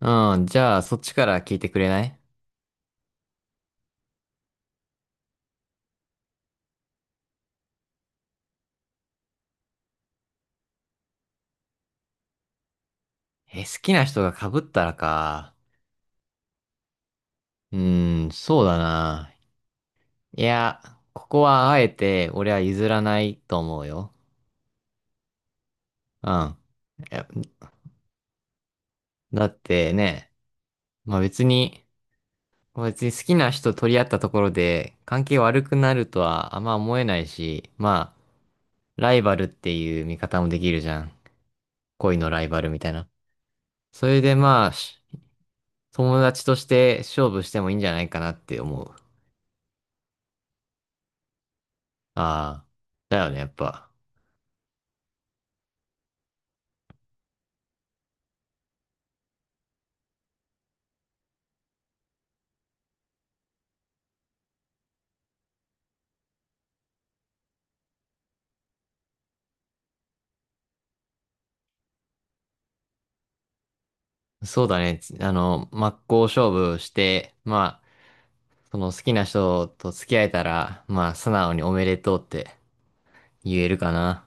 うん、じゃあ、そっちから聞いてくれない？え、好きな人が被ったらか。うーん、そうだな。いや、ここはあえて俺は譲らないと思うよ。うん。いや、だってね、まあ別に、別に好きな人取り合ったところで関係悪くなるとはあんま思えないし、まあ、ライバルっていう見方もできるじゃん。恋のライバルみたいな。それでまあ、友達として勝負してもいいんじゃないかなって思う。ああ、だよね、やっぱ。そうだね。あの、真っ向勝負して、まあ、その好きな人と付き合えたら、まあ、素直におめでとうって言えるかな。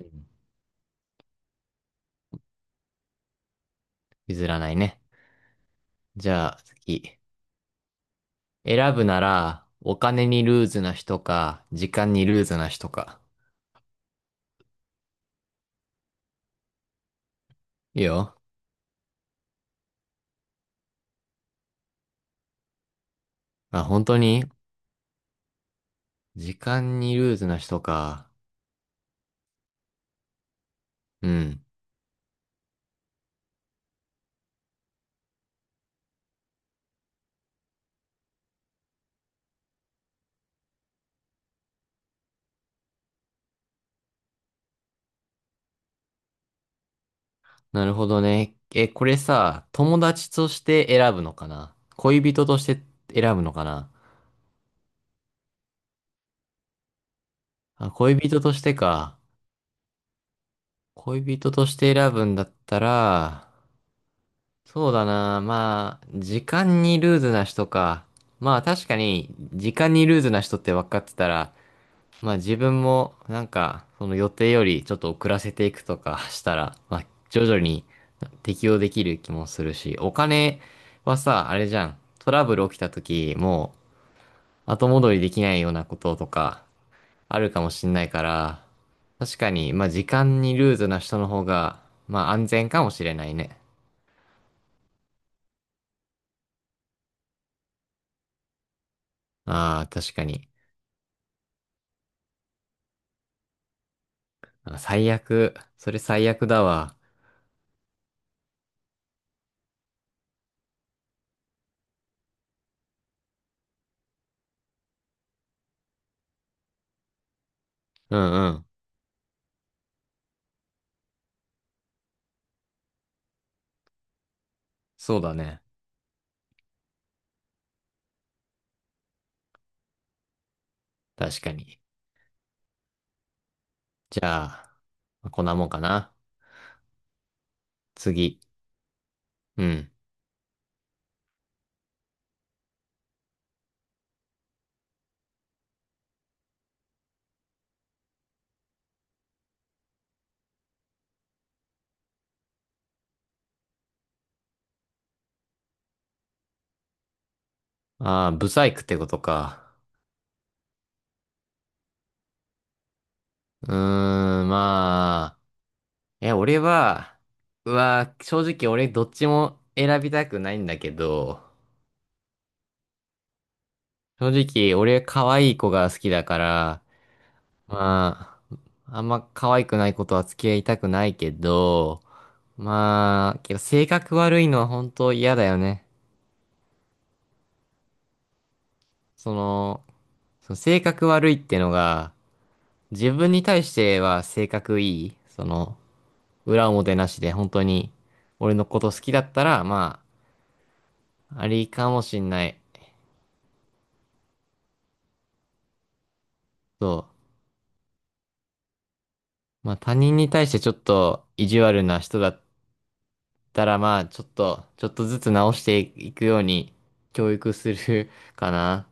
うん、譲らないね。じゃあ、次。選ぶなら、お金にルーズな人か、時間にルーズな人か。いいよ。あ、本当に？時間にルーズな人か。うん。なるほどね。え、これさ、友達として選ぶのかな、恋人として選ぶのかな。あ、恋人としてか。恋人として選ぶんだったら、そうだな。まあ、時間にルーズな人か。まあ確かに、時間にルーズな人って分かってたら、まあ自分もなんか、その予定よりちょっと遅らせていくとかしたら、まあ徐々に適応できる気もするし、お金はさ、あれじゃん。トラブル起きた時、もう後戻りできないようなこととか、あるかもしんないから、確かに、まあ時間にルーズな人の方が、まあ安全かもしれないね。ああ、確かに。あ、最悪。それ最悪だわ。うんうん。そうだね。確かに。じゃあ、まあこんなもんかな。次。うん。ああ、ブサイクってことか。うーん、まあ。え、俺は、うわ、正直俺どっちも選びたくないんだけど、正直俺可愛い子が好きだから、まあ、あんま可愛くないことは付き合いたくないけど、まあ、けど性格悪いのは本当嫌だよね。その、その性格悪いってのが、自分に対しては性格いい。その、裏表なしで本当に俺のこと好きだったら、まあ、ありかもしんない。そう。まあ他人に対してちょっと意地悪な人だったら、まあちょっと、ちょっとずつ直していくように教育する かな。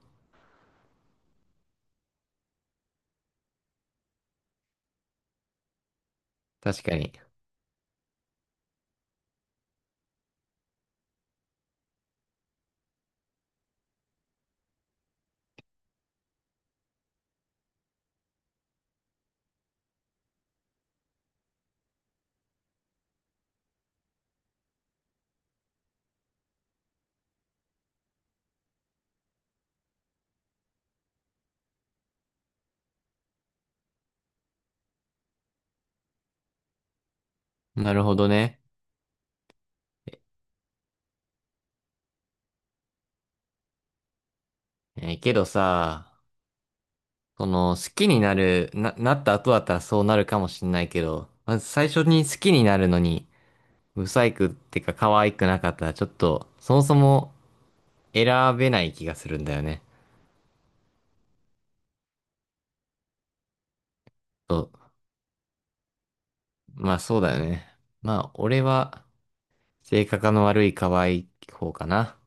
確かに。なるほどね。えーけどさ、その、好きになる、な、なった後だったらそうなるかもしんないけど、まず最初に好きになるのに、不細工ってか可愛くなかったら、ちょっと、そもそも選べない気がするんだよね。そう。まあそうだよね。まあ、俺は、性格の悪い可愛い方かな。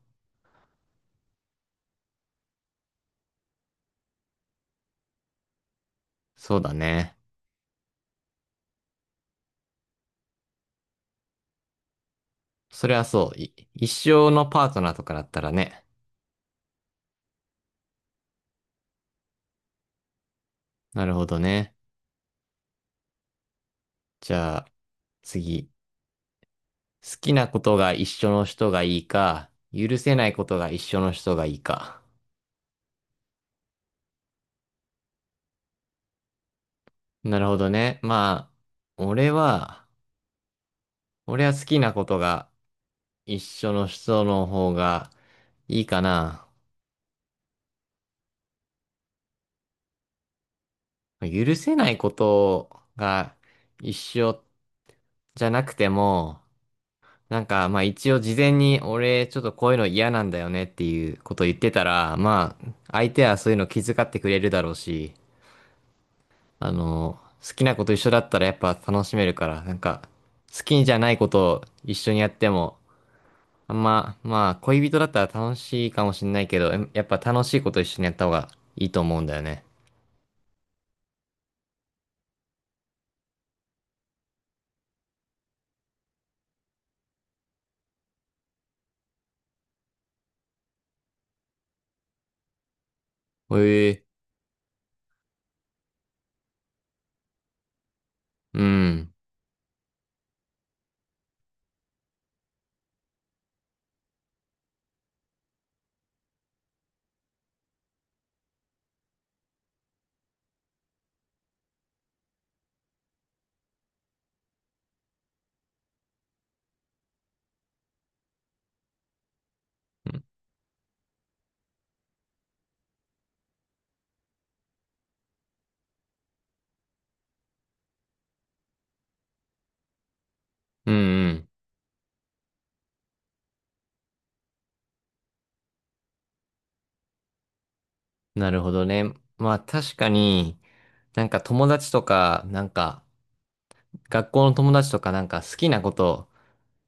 そうだね。それはそう。一生のパートナーとかだったらね。なるほどね。じゃあ、次。好きなことが一緒の人がいいか、許せないことが一緒の人がいいか。なるほどね。まあ、俺は好きなことが一緒の人の方がいいかな。許せないことが一緒じゃなくても、なんかまあ一応事前に俺ちょっとこういうの嫌なんだよねっていうこと言ってたら、まあ相手はそういうの気遣ってくれるだろうし、あの、好きなこと一緒だったらやっぱ楽しめるから、なんか、好きじゃないことを一緒にやっても、あんま、まあ、恋人だったら楽しいかもしんないけど、やっぱ楽しいこと一緒にやった方がいいと思うんだよね。ええ。うん。うんうん。なるほどね。まあ確かに、なんか友達とか、なんか学校の友達とかなんか好きなこと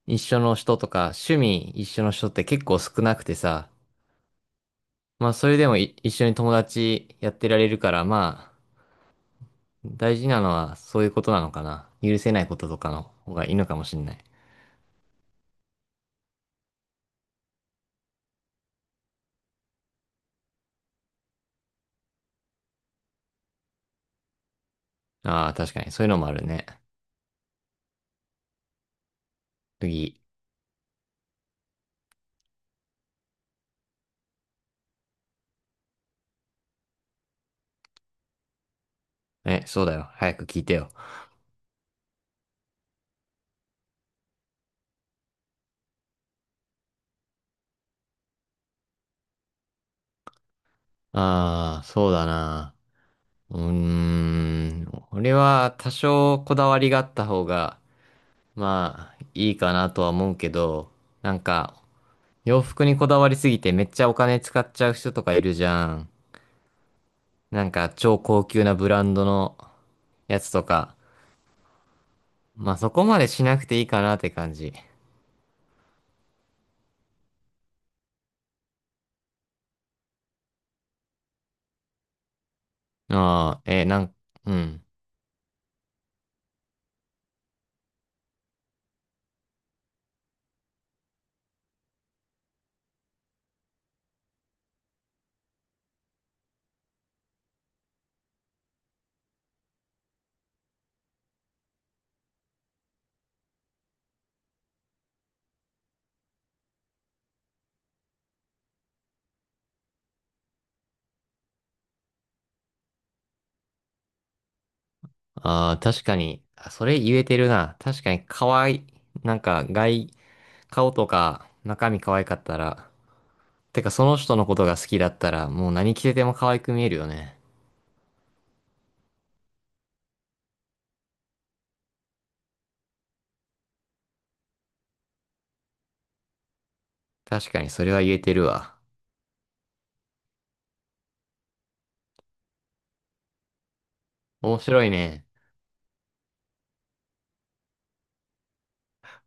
一緒の人とか趣味一緒の人って結構少なくてさ、まあ、それでも一緒に友達やってられるから、まあ、大事なのはそういうことなのかな。許せないこととかの方がいいのかもしれない。ああ、確かに。そういうのもあるね。次。え、そうだよ。早く聞いてよ。ああ、そうだな。うーん。俺は多少こだわりがあった方が、まあ、いいかなとは思うけど、なんか、洋服にこだわりすぎてめっちゃお金使っちゃう人とかいるじゃん。なんか、超高級なブランドのやつとか。まあそこまでしなくていいかなって感じ。ああ、えーなん、うん。ああ、確かに、あ、それ言えてるな。確かに可愛い。なんか外、顔とか中身可愛かったら、てかその人のことが好きだったら、もう何着てても可愛く見えるよね。確かにそれは言えてるわ。面白いね。